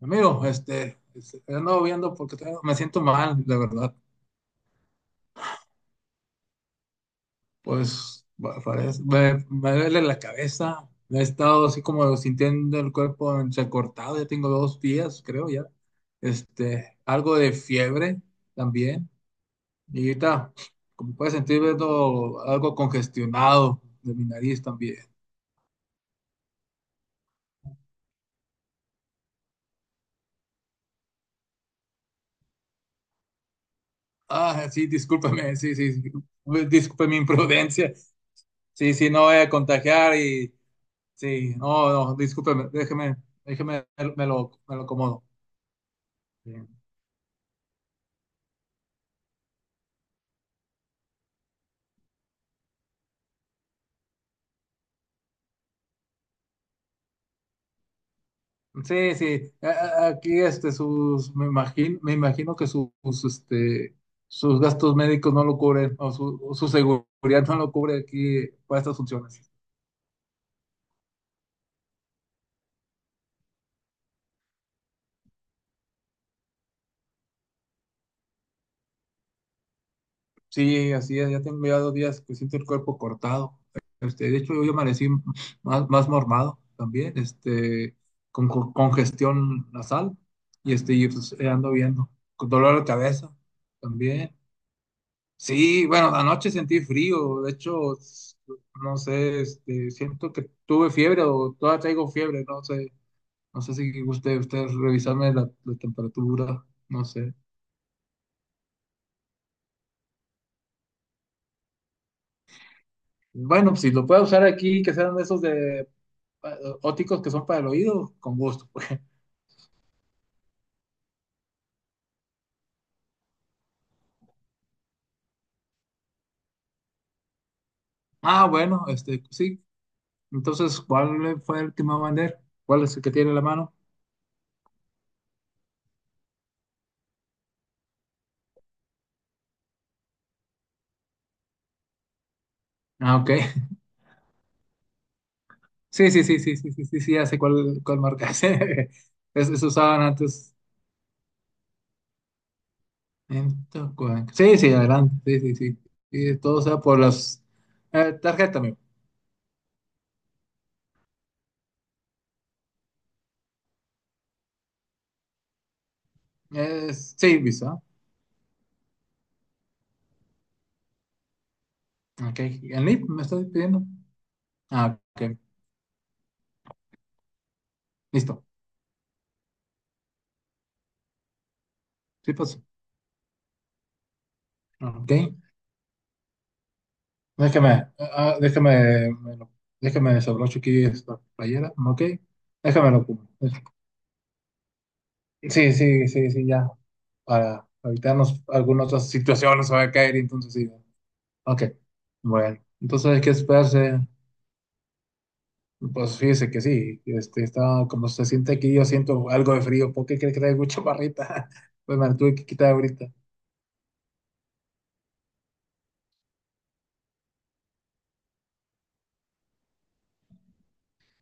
Amigo, ando viendo porque me siento mal, de verdad. Pues parece, me duele la cabeza. He estado así como sintiendo el cuerpo entrecortado. Ya tengo 2 días, creo ya. Algo de fiebre también. Y ahorita, como puedes sentir, veo algo congestionado de mi nariz también. Ah, sí, discúlpame, sí, sí, sí. Disculpe mi imprudencia. Sí, sí, no voy a contagiar y sí, no, no, discúlpeme, déjeme, déjeme, me lo acomodo. Sí, sí, sí, aquí sus, me imagino que sus, este, sus gastos médicos no lo cubren, o su seguridad no lo cubre aquí para estas funciones. Sí, así es, ya tengo ya 2 días que siento el cuerpo cortado. De hecho, hoy amanecí más, más mormado también, con congestión nasal, y y pues, ando viendo, con dolor de cabeza también. Sí, bueno, anoche sentí frío, de hecho, no sé, siento que tuve fiebre o todavía traigo fiebre, no sé, no sé si guste usted revisarme la, la temperatura, no sé. Bueno, si lo puede usar aquí, que sean de esos de óticos que son para el oído, con gusto. Pues. Ah, bueno, este, sí, entonces, ¿cuál fue el que me va a vender? ¿Cuál es el que tiene en la mano? Ah, ok. Sí, sí, sí, sí, sí, sí, sí, sí, ya sé cuál, cuál marca es. Esos usaban antes. 140. Sí, sí, adelante. Sí, sí, sí. Y todo sea por las tarjeta, amigo. Es, sí, Visa. Ok. ¿El NIP me está pidiendo? Ah, ok. Listo. Sí, pues. Ok. Déjame, ah, déjame desabrocho aquí esta playera. Ok. Déjame lo pongo. Sí, sí, sí, sí, ya. Para evitarnos algunas otras situaciones, se va a caer, entonces sí. Ok. Bueno, entonces hay que esperarse. Pues fíjese que sí, estaba como se siente aquí, yo siento algo de frío. ¿Por qué crees que traigo chaparrita? Pues me la tuve que quitar ahorita.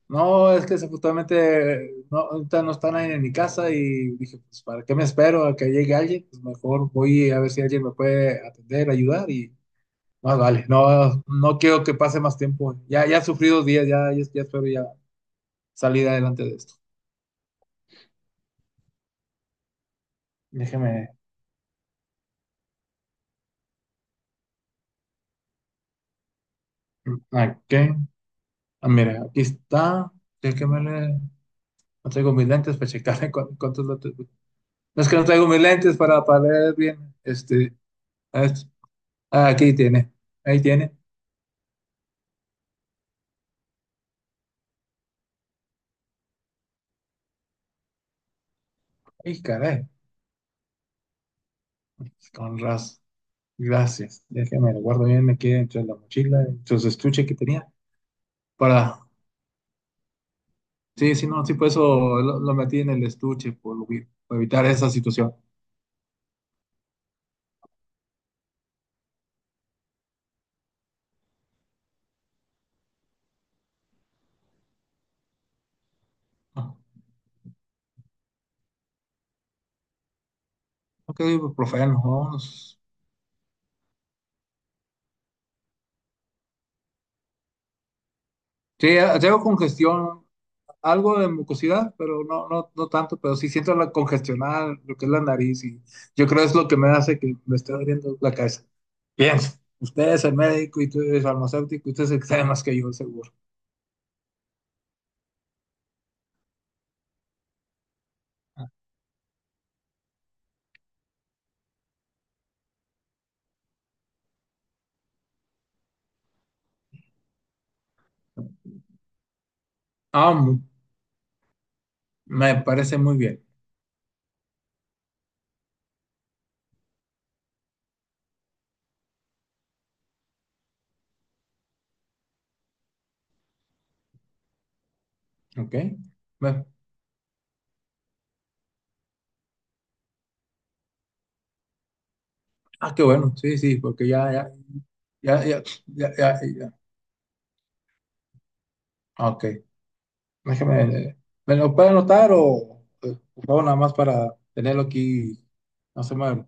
No, es que justamente no, ahorita no está nadie en mi casa y dije, pues, ¿para qué me espero a que llegue alguien? Pues mejor voy a ver si alguien me puede atender, ayudar y más vale. No, no quiero que pase más tiempo. Ya, ya sufrí 2 días, ya, ya, ya espero ya salir adelante de esto. Déjeme, ¿a qué? Ah, mira, aquí está. Déjeme leer. No traigo mis lentes para checar cuántos lentes. No es que no traigo mis lentes para ver bien. Ah, es- ah, aquí tiene. Ahí tiene. Ay, caray. Con razón. Gracias. Déjame, lo guardo bien aquí dentro de la mochila, dentro de su estuche que tenía. Para. Sí, sí, no, sí, por eso lo metí en el estuche, por, para evitar esa situación. Ah, ok, ibuprofeno, vámonos. Sí, traigo congestión algo de mucosidad, pero no, no, no tanto, pero sí siento la congestionada, lo que es la nariz, y yo creo es lo que me hace que me esté doliendo la cabeza. Bien, usted es el médico y tú eres farmacéutico, usted es el que sabe más que yo, seguro. Ah, mu- me parece muy bien, ¿ok? Bueno, ah, qué bueno, sí, sí, porque ya, ya, ya, ya, ya, ya, ya. Ah, ok, déjeme, eh, ¿me lo puede anotar o, por favor, nada más para tenerlo aquí, no se mueve?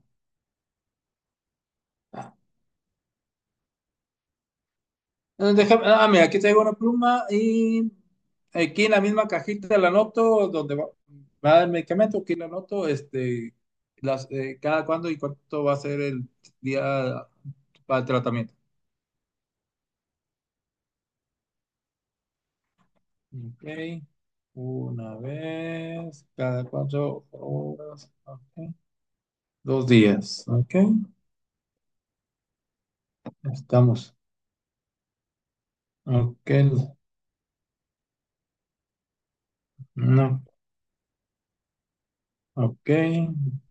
Mira, aquí traigo una pluma y aquí en la misma cajita la anoto donde va, va el medicamento, aquí la anoto, las, cada cuándo y cuánto va a ser el día para el tratamiento. Ok, una vez, cada 4 horas, ok, 2 días, ok, estamos, ok, no, ok,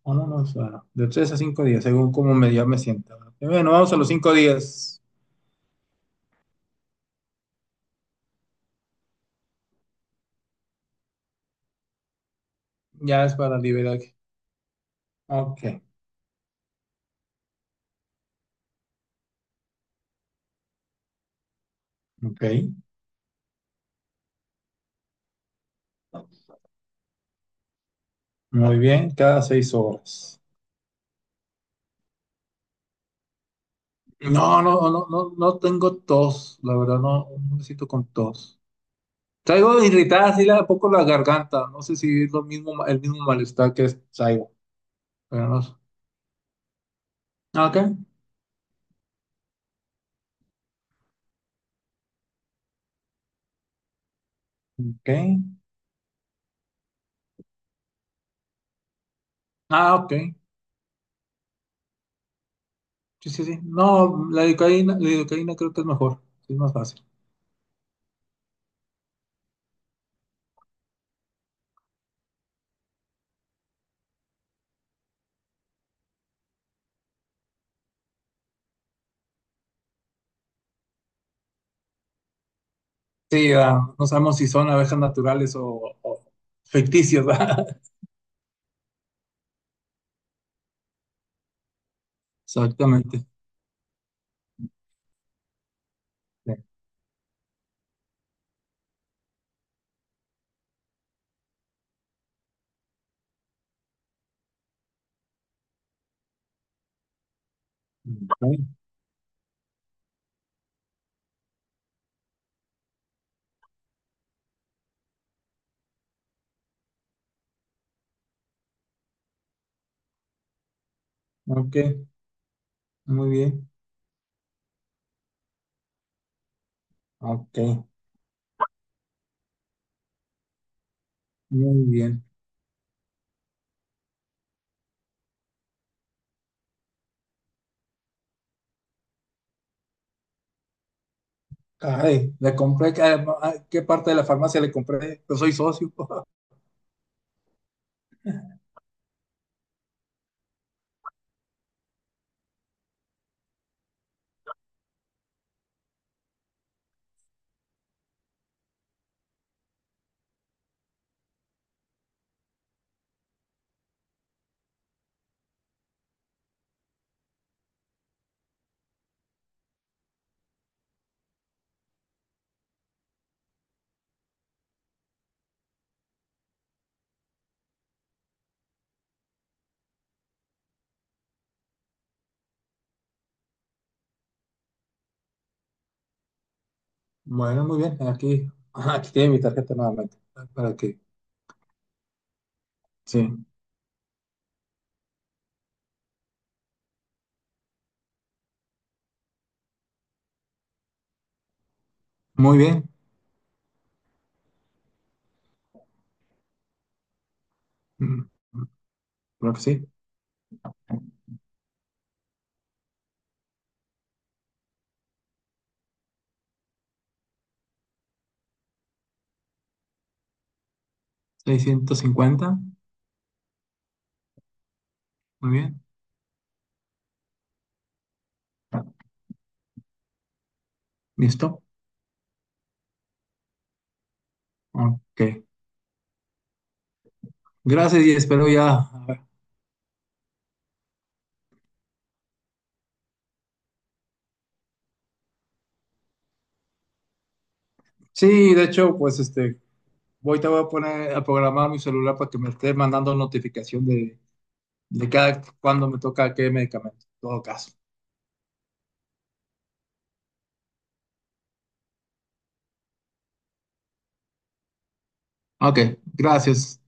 vámonos a, de 3 a 5 días, según cómo me, ya me sienta. Ok, bueno, vamos a los 5 días. Ya es para liberar. Ok, ok. Muy bien, cada 6 horas. No, no, no, no, no tengo tos, la verdad, no, no me siento con tos. Traigo irritada así un poco la garganta, no sé si es lo mismo, el mismo malestar que es, traigo, pero no sé. Ah, ok, ok. Ah, ok. Sí, sí, sí. No, la lidocaína creo que es mejor, es más fácil. Sí, no sabemos si son abejas naturales o ficticias, ¿verdad? Exactamente. Sí. Ok, ok. Muy bien. Ok, muy bien. Ay, le compré, ¿qué, qué parte de la farmacia le compré? Yo soy socio. Bueno, muy bien. Aquí, ajá, aquí tiene mi tarjeta nuevamente. Para que, sí. Muy bien. Mm, creo que sí. 650. Muy bien. Listo. Ok. Gracias y espero ya. A ver. Sí, de hecho, pues voy te voy a poner a programar mi celular para que me esté mandando notificación de cada cuando me toca qué medicamento. En todo caso. Ok, gracias.